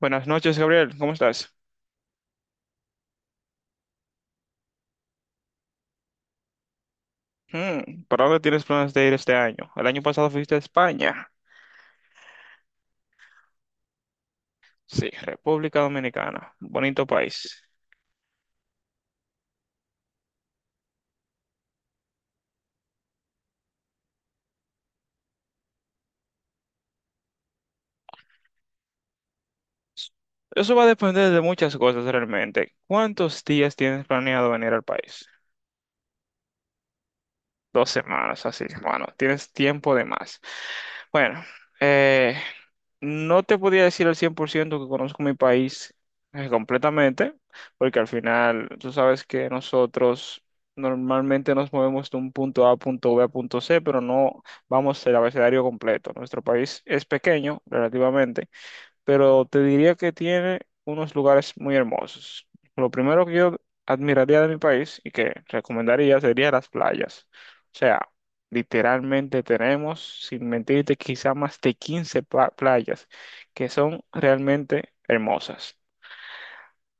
Buenas noches, Gabriel. ¿Cómo estás? ¿Para dónde tienes planes de ir este año? El año pasado fuiste a España. Sí, República Dominicana. Bonito país. Eso va a depender de muchas cosas realmente. ¿Cuántos días tienes planeado venir al país? 2 semanas, así. Bueno, tienes tiempo de más. Bueno, eh, no te podía decir al 100% que conozco mi país completamente, porque al final tú sabes que nosotros normalmente nos movemos de un punto A a punto B a punto C, pero no vamos el abecedario completo. Nuestro país es pequeño relativamente, pero te diría que tiene unos lugares muy hermosos. Lo primero que yo admiraría de mi país y que recomendaría sería las playas. O sea, literalmente tenemos, sin mentirte, quizá más de 15 playas que son realmente hermosas.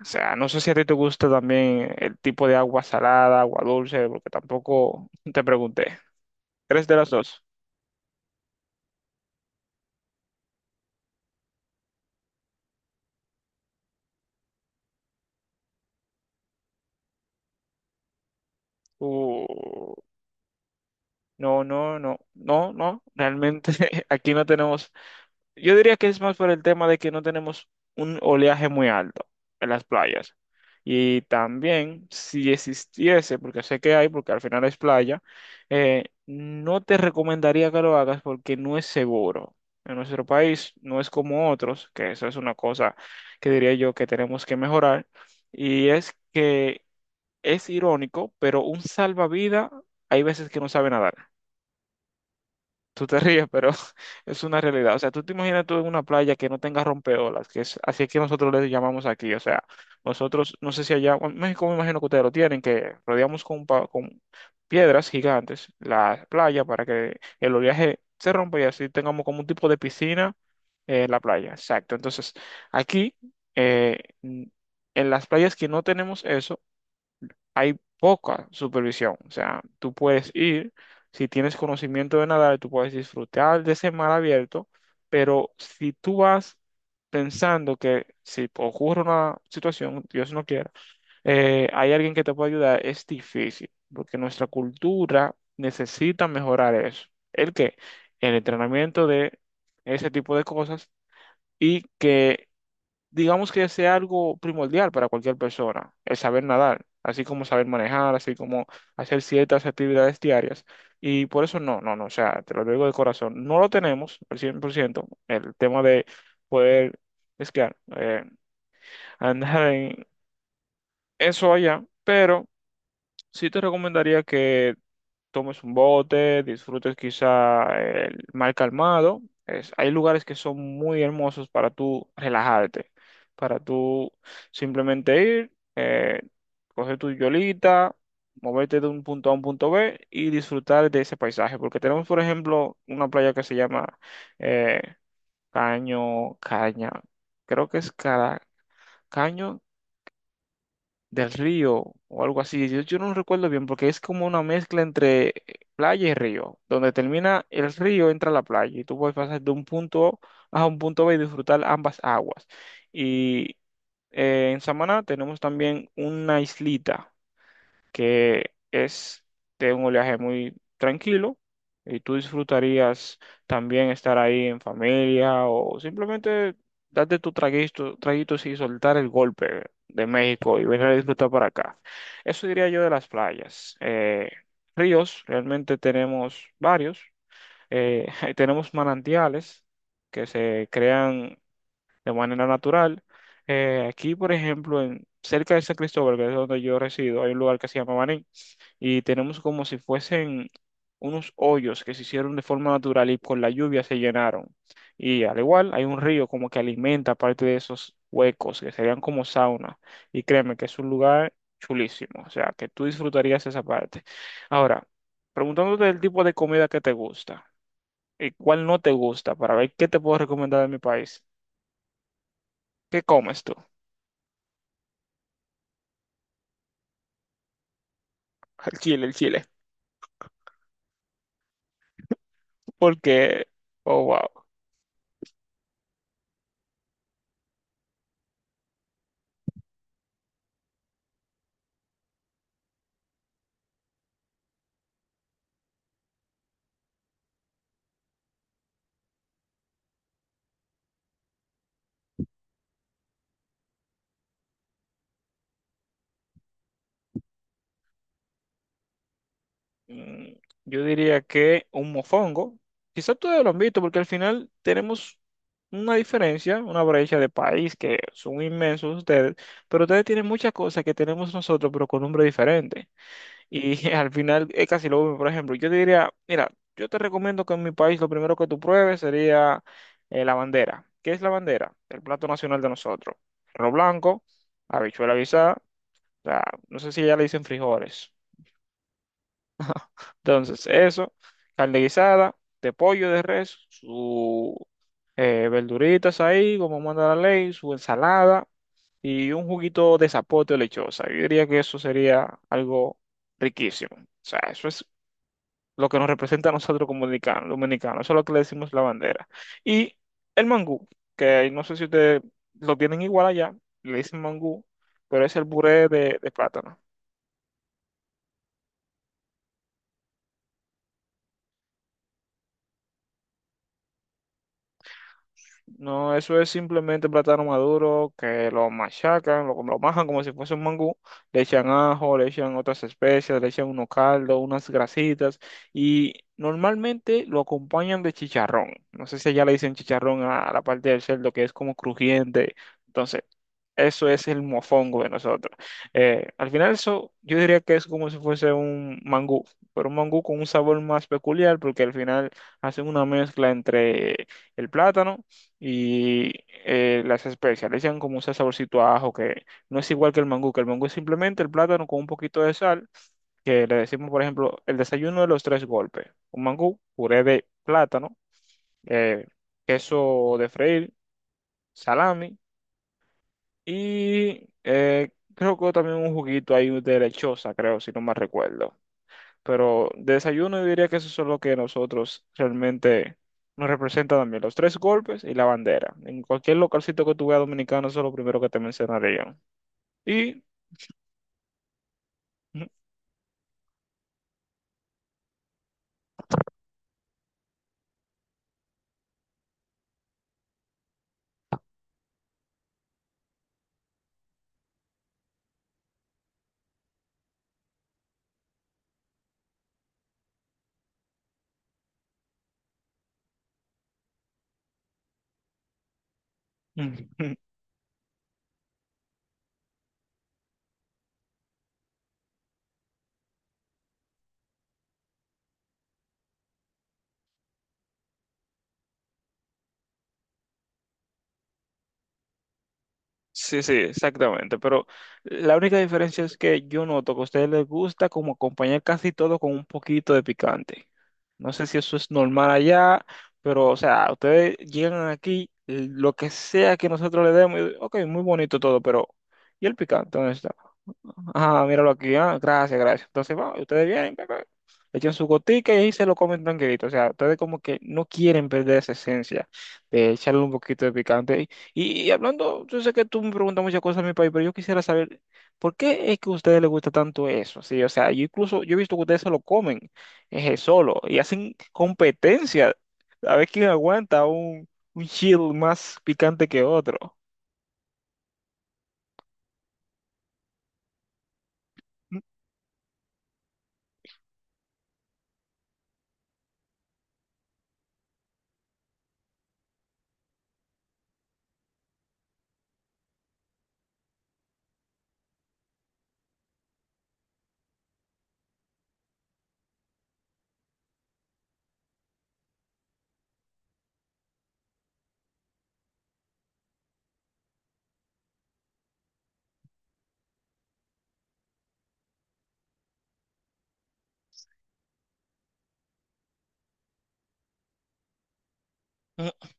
O sea, no sé si a ti te gusta también el tipo de agua salada, agua dulce, porque tampoco te pregunté. ¿Eres de las dos? Uh, no, no, no, no, no. Realmente aquí no tenemos. Yo diría que es más por el tema de que no tenemos un oleaje muy alto en las playas. Y también, si existiese, porque sé que hay, porque al final es playa, no te recomendaría que lo hagas porque no es seguro. En nuestro país no es como otros, que eso es una cosa que diría yo que tenemos que mejorar. Y es que es irónico, pero un salvavidas hay veces que no sabe nadar. Tú te ríes, pero es una realidad. O sea, tú te imaginas tú en una playa que no tenga rompeolas, que es así es que nosotros le llamamos aquí. O sea, nosotros, no sé si allá, bueno, en México me imagino que ustedes lo tienen, que rodeamos con, con piedras gigantes la playa para que el oleaje se rompa y así tengamos como un tipo de piscina en la playa. Exacto. Entonces, aquí, eh, en las playas que no tenemos eso, hay poca supervisión. O sea, tú puedes ir, si tienes conocimiento de nadar, tú puedes disfrutar de ese mar abierto, pero si tú vas pensando que si ocurre una situación, Dios no quiera, hay alguien que te puede ayudar, es difícil, porque nuestra cultura necesita mejorar eso. ¿El qué? El entrenamiento de ese tipo de cosas y que digamos que sea algo primordial para cualquier persona, el saber nadar, así como saber manejar, así como hacer ciertas actividades diarias. Y por eso no, no, no, o sea, te lo digo de corazón, no lo tenemos al 100% el tema de poder esquiar, andar en eso allá, pero sí te recomendaría que tomes un bote, disfrutes quizá el mar calmado. Es- hay lugares que son muy hermosos para tú relajarte, para tú simplemente ir, coger tu yolita, moverte de un punto A a un punto B y disfrutar de ese paisaje. Porque tenemos, por ejemplo, una playa que se llama eh, Caño, Caña, creo que es Cara, Caño del río o algo así. Yo no recuerdo bien porque es como una mezcla entre playa y río. Donde termina el río entra la playa y tú puedes pasar de un punto A a un punto B y disfrutar ambas aguas. Y en Samaná tenemos también una islita que es de un oleaje muy tranquilo y tú disfrutarías también estar ahí en familia o simplemente darte tu traguito, traguitos y soltar el golpe de México y venir a disfrutar para acá. Eso diría yo de las playas. Ríos, realmente tenemos varios. Eh, Tenemos manantiales que se crean de manera natural. Aquí, por ejemplo, en, cerca de San Cristóbal, que es donde yo resido, hay un lugar que se llama Baní y tenemos como si fuesen unos hoyos que se hicieron de forma natural y con la lluvia se llenaron. Y al igual hay un río como que alimenta parte de esos huecos que serían como sauna. Y créeme que es un lugar chulísimo, o sea, que tú disfrutarías esa parte. Ahora, preguntándote el tipo de comida que te gusta y cuál no te gusta para ver qué te puedo recomendar de mi país. ¿Qué comes tú? El chile, el chile. Porque, oh, wow. Mm, Yo diría que un mofongo. Quizás todos lo han visto, porque al final tenemos una diferencia, una brecha de país que son inmensos ustedes, pero ustedes tienen muchas cosas que tenemos nosotros, pero con nombre diferente. Y al final es casi lo mismo. Por ejemplo, yo te diría, mira, yo te recomiendo que en mi país lo primero que tú pruebes sería la bandera. ¿Qué es la bandera? El plato nacional de nosotros. Arroz blanco, habichuela guisada, o sea, no sé si ya le dicen frijoles. Entonces, eso, carne guisada, de pollo, de res, su verduritas ahí, como manda la ley, su ensalada y un juguito de zapote o lechosa. Yo diría que eso sería algo riquísimo. O sea, eso es lo que nos representa a nosotros como dominicanos, dominicanos. Eso es lo que le decimos la bandera. Y el mangú, que no sé si ustedes lo tienen igual allá, le dicen mangú, pero es el puré de plátano. No, eso es simplemente plátano maduro que lo machacan, lo majan como si fuese un mangú, le echan ajo, le echan otras especias, le echan unos caldos, unas grasitas y normalmente lo acompañan de chicharrón. No sé si allá le dicen chicharrón a la parte del cerdo que es como crujiente. Entonces, eso es el mofongo de nosotros. Al final eso yo diría que es como si fuese un mangú, pero un mangú con un sabor más peculiar porque al final hacen una mezcla entre el plátano y las especializan como un saborcito a ajo que no es igual que el mangú es simplemente el plátano con un poquito de sal, que le decimos, por ejemplo, el desayuno de los tres golpes. Un mangú, puré de plátano, eh, queso de freír, salami y creo que también un juguito ahí de lechosa, creo, si no mal recuerdo. Pero de desayuno yo diría que eso es lo que nosotros realmente nos representa también, los tres golpes y la bandera. En cualquier localcito que tú veas dominicano, eso es lo primero que te mencionaría. Y. Sí, sí, exactamente. Pero la única diferencia es que yo noto que a ustedes les gusta como acompañar casi todo con un poquito de picante. No sé si eso es normal allá, pero o sea, ustedes llegan aquí, lo que sea que nosotros le demos, y, ok, muy bonito todo, pero ¿y el picante? ¿Dónde está? Ah, míralo aquí, ah, gracias, gracias. Entonces, va, ustedes vienen, pa, pa, echan su gotica y ahí se lo comen tranquilito. O sea, ustedes como que no quieren perder esa esencia de echarle un poquito de picante. Y hablando, yo sé que tú me preguntas muchas cosas de mi país, pero yo quisiera saber, ¿por qué es que a ustedes les gusta tanto eso? Sí, o sea, yo incluso, yo he visto que ustedes se lo comen solo y hacen competencia a ver quién aguanta un chill más picante que otro. Mm, mm.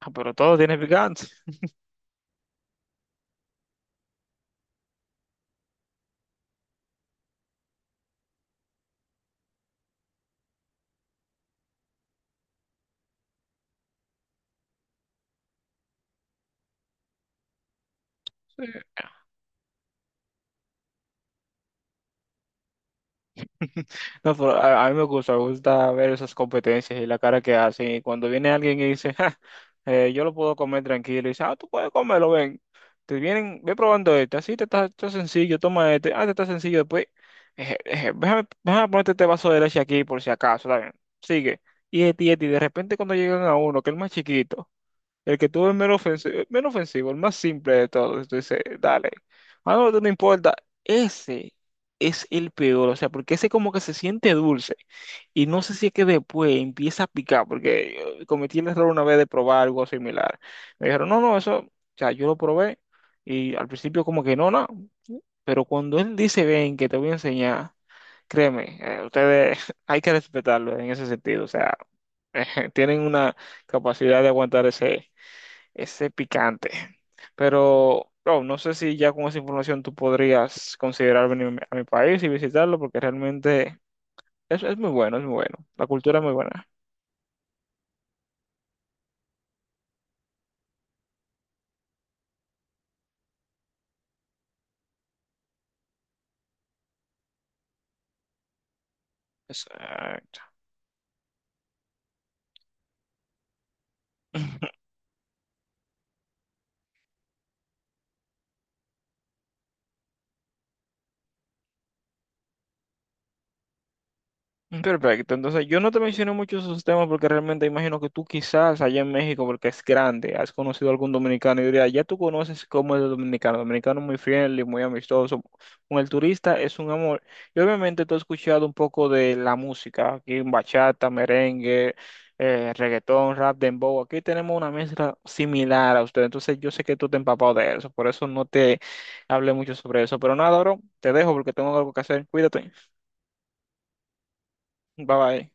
Ah, pero todo tiene picante. No, pero a mí me gusta ver esas competencias y la cara que hacen. Y cuando viene alguien y dice: "Ja, yo lo puedo comer tranquilo", y dice, ah, tú puedes comerlo, ven. Te vienen, ve probando este, así te está, está sencillo, toma este, ah, te está sencillo, después, déjame ponerte este vaso de leche aquí por si acaso, está bien. Sigue. Y este, y este, y de repente cuando llegan a uno, que es el más chiquito. El que tuvo el menos ofensivo, el menos ofensivo, el más simple de todos. Tú dices, dale. Ah, no, no importa. Ese es el peor, o sea, porque ese como que se siente dulce. Y no sé si es que después empieza a picar, porque yo cometí el error una vez de probar algo similar. Me dijeron, no, no, eso, o sea, yo lo probé. Y al principio como que no, no. Pero cuando él dice, ven, que te voy a enseñar, créeme, ustedes hay que respetarlo en ese sentido. O sea, tienen una capacidad de aguantar ese picante. Pero, bro, no sé si ya con esa información tú podrías considerar venir a mi país y visitarlo, porque realmente es muy bueno, es muy bueno. La cultura es muy buena. Exacto. Perfecto, entonces yo no te mencioné mucho esos temas porque realmente imagino que tú quizás allá en México, porque es grande, has conocido algún dominicano y diría, ya tú conoces cómo es el dominicano, dominicano muy friendly, muy amistoso, con el turista es un amor. Y obviamente tú has escuchado un poco de la música, aquí en bachata, merengue, reggaetón, rap, dembow, aquí tenemos una mezcla similar a usted, entonces yo sé que tú te has empapado de eso, por eso no te hablé mucho sobre eso, pero nada, bro, te dejo porque tengo algo que hacer, cuídate, bye bye.